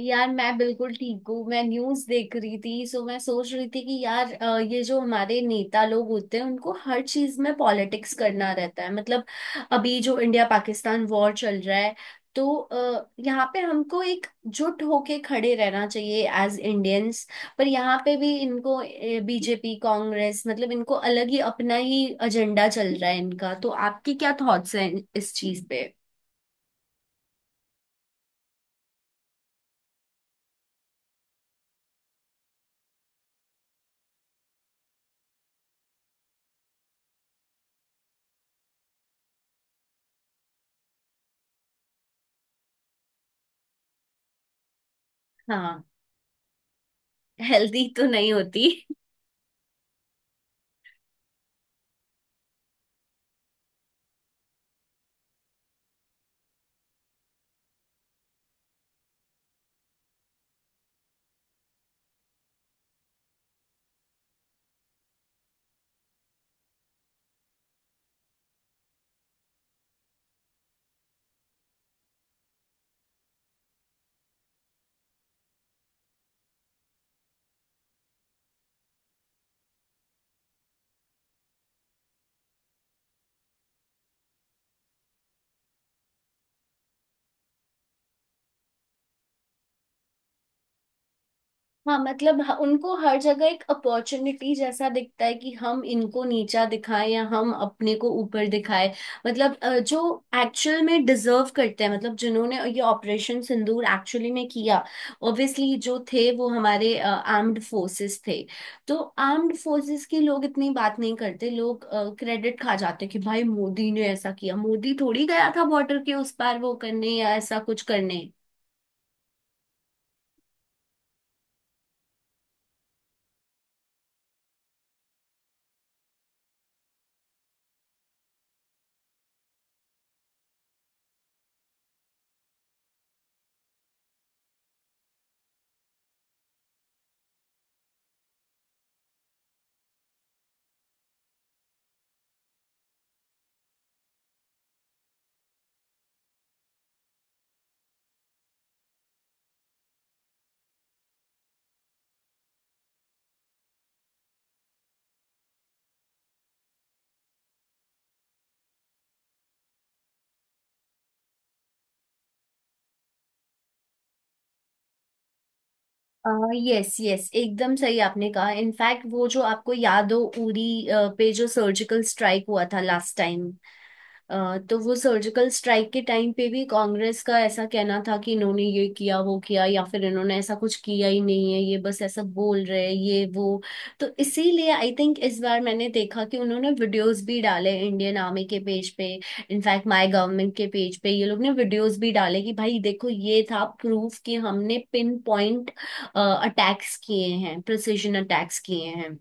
यार मैं बिल्कुल ठीक हूँ। मैं न्यूज देख रही थी सो मैं सोच रही थी कि यार ये जो हमारे नेता लोग होते हैं उनको हर चीज में पॉलिटिक्स करना रहता है। मतलब अभी जो इंडिया पाकिस्तान वॉर चल रहा है, तो यहाँ पे हमको एक जुट होके खड़े रहना चाहिए एज इंडियंस। पर यहाँ पे भी इनको बीजेपी कांग्रेस मतलब इनको अलग ही अपना ही एजेंडा चल रहा है इनका। तो आपकी क्या थॉट्स हैं इस चीज पे? हाँ, हेल्दी तो नहीं होती। हाँ मतलब उनको हर जगह एक अपॉर्चुनिटी जैसा दिखता है कि हम इनको नीचा दिखाएं या हम अपने को ऊपर दिखाएं। मतलब जो एक्चुअल में डिजर्व करते हैं मतलब जिन्होंने ये ऑपरेशन सिंदूर एक्चुअली में किया, ऑब्वियसली जो थे वो हमारे आर्म्ड फोर्सेस थे। तो आर्म्ड फोर्सेस के लोग इतनी बात नहीं करते। लोग क्रेडिट खा जाते कि भाई मोदी ने ऐसा किया, मोदी थोड़ी गया था बॉर्डर के उस पार वो करने या ऐसा कुछ करने। यस, यस, एकदम सही आपने कहा। इनफैक्ट वो जो आपको याद हो, उरी पे जो सर्जिकल स्ट्राइक हुआ था लास्ट टाइम, तो वो सर्जिकल स्ट्राइक के टाइम पे भी कांग्रेस का ऐसा कहना था कि इन्होंने ये किया वो किया या फिर इन्होंने ऐसा कुछ किया ही नहीं है, ये बस ऐसा बोल रहे हैं ये वो। तो इसीलिए आई थिंक इस बार मैंने देखा कि उन्होंने वीडियोस भी डाले इंडियन आर्मी के पेज पे। इनफैक्ट माय गवर्नमेंट के पेज पे ये लोग ने वीडियोस भी डाले कि भाई देखो ये था प्रूफ कि हमने पिन पॉइंट अटैक्स किए हैं, प्रिसिजन अटैक्स किए हैं।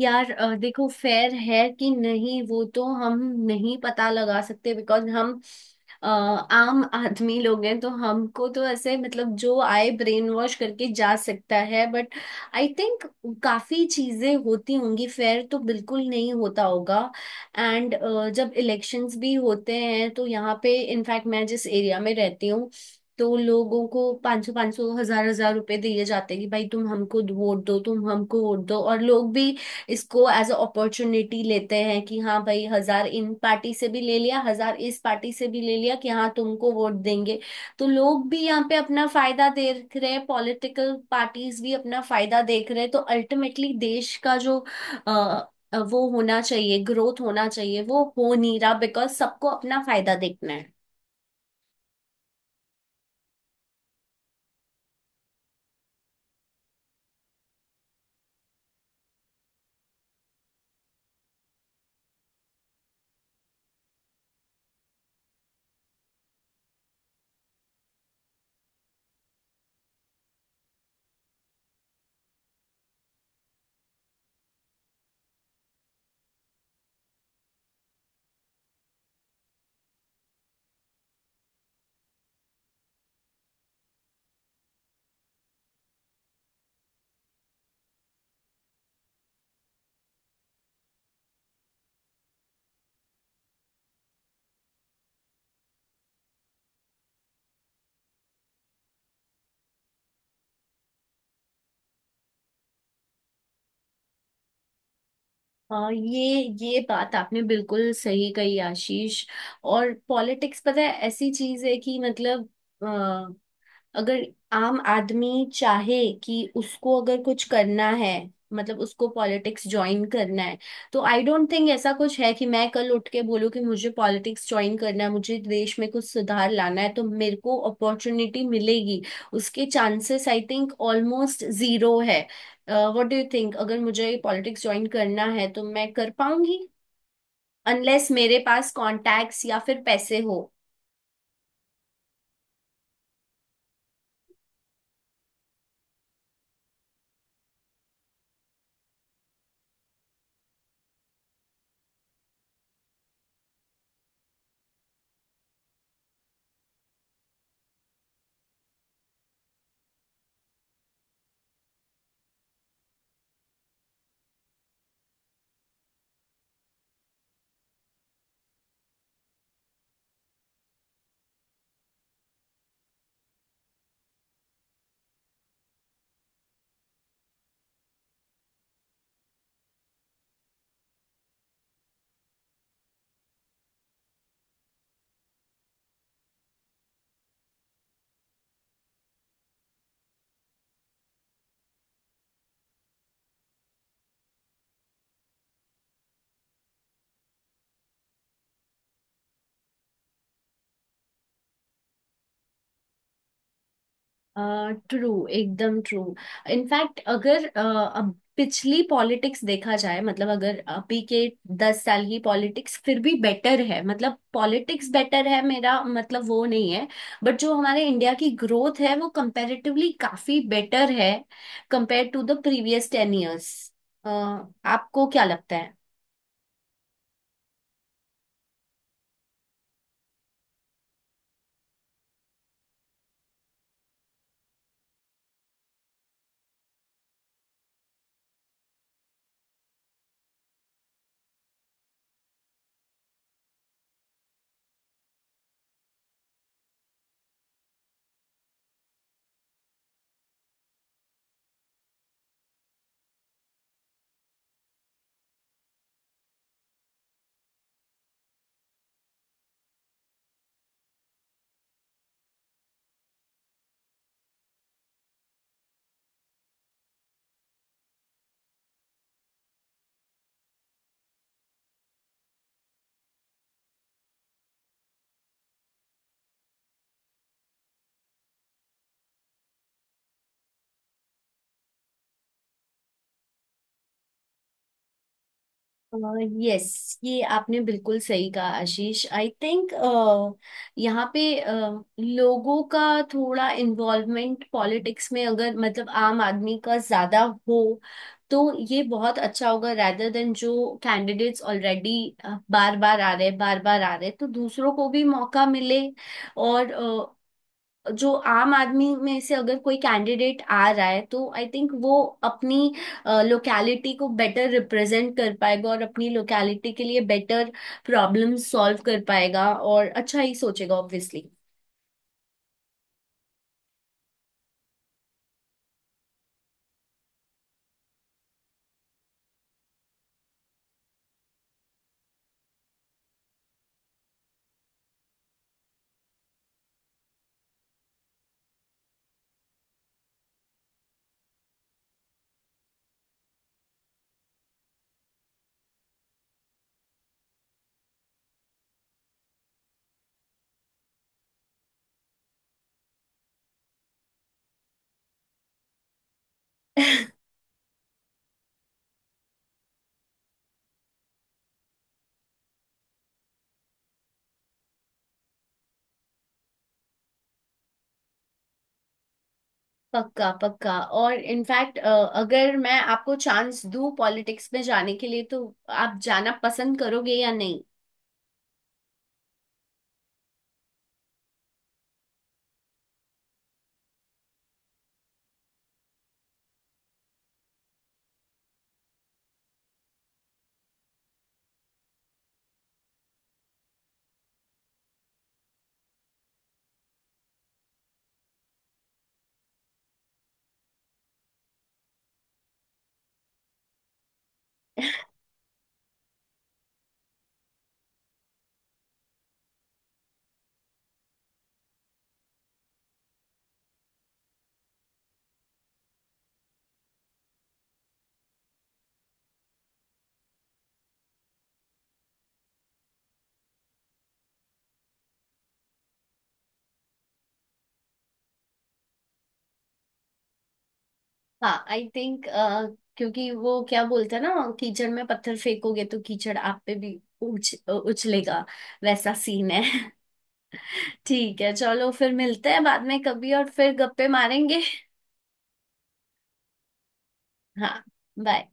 यार देखो फेयर है कि नहीं वो तो हम नहीं पता लगा सकते बिकॉज हम आम आदमी लोग हैं। तो हमको तो ऐसे मतलब जो आए ब्रेन वॉश करके जा सकता है। बट आई थिंक काफी चीजें होती होंगी, फेयर तो बिल्कुल नहीं होता होगा। एंड जब इलेक्शंस भी होते हैं तो यहाँ पे इनफैक्ट मैं जिस एरिया में रहती हूँ, तो लोगों को 500 500 1,000 1,000 रुपए दिए जाते हैं कि भाई तुम हमको वोट दो, तुम हमको वोट दो। और लोग भी इसको एज अ अपॉर्चुनिटी लेते हैं कि हाँ भाई, 1,000 इन पार्टी से भी ले लिया, 1,000 इस पार्टी से भी ले लिया कि हाँ तुमको वोट देंगे। तो लोग भी यहाँ पे अपना फायदा देख रहे हैं, पॉलिटिकल पार्टीज भी अपना फायदा देख रहे हैं। तो अल्टीमेटली देश का जो अ, वो होना चाहिए, ग्रोथ होना चाहिए, वो हो नहीं रहा बिकॉज सबको अपना फायदा देखना है। हाँ, ये बात आपने बिल्कुल सही कही आशीष। और पॉलिटिक्स पता है ऐसी चीज है कि मतलब अगर आम आदमी चाहे कि उसको अगर कुछ करना है मतलब उसको पॉलिटिक्स ज्वाइन करना है, तो आई डोंट थिंक ऐसा कुछ है कि मैं कल उठ के बोलूँ कि मुझे पॉलिटिक्स ज्वाइन करना है, मुझे देश में कुछ सुधार लाना है तो मेरे को अपॉर्चुनिटी मिलेगी। उसके chances I think almost zero है। व्हाट डू यू थिंक, अगर मुझे पॉलिटिक्स ज्वाइन करना है तो मैं कर पाऊंगी अनलेस मेरे पास कॉन्टैक्ट्स या फिर पैसे हो? ट्रू, एकदम ट्रू। इनफैक्ट अगर अब पिछली पॉलिटिक्स देखा जाए, मतलब अगर अभी के 10 साल की पॉलिटिक्स फिर भी बेटर है। मतलब पॉलिटिक्स बेटर है, मेरा मतलब वो नहीं है, बट जो हमारे इंडिया की ग्रोथ है वो कंपैरेटिवली काफी बेटर है compare to the previous 10 years. आपको क्या लगता? यस, ये आपने बिल्कुल सही कहा आशीष। आई थिंक यहाँ पे लोगों का थोड़ा इन्वॉल्वमेंट पॉलिटिक्स में अगर मतलब आम आदमी का ज्यादा हो, तो ये बहुत अच्छा होगा rather देन जो कैंडिडेट्स ऑलरेडी बार बार आ रहे, बार बार आ रहे, तो दूसरों को भी मौका मिले। और uh, जो आम आदमी में से अगर कोई कैंडिडेट आ रहा है तो आई थिंक वो अपनी लोकैलिटी को बेटर रिप्रेजेंट कर पाएगा और अपनी लोकैलिटी के लिए बेटर प्रॉब्लम सॉल्व कर पाएगा और अच्छा ही सोचेगा ऑब्वियसली। पक्का पक्का। और इनफैक्ट अगर मैं आपको चांस दूं पॉलिटिक्स में जाने के लिए, तो आप जाना पसंद करोगे या नहीं? हाँ आई थिंक, क्योंकि वो क्या बोलते हैं ना, कीचड़ में पत्थर फेंकोगे तो कीचड़ आप पे भी उछ उछलेगा। वैसा सीन है। ठीक है, चलो फिर मिलते हैं बाद में कभी और फिर गप्पे मारेंगे। हाँ, bye।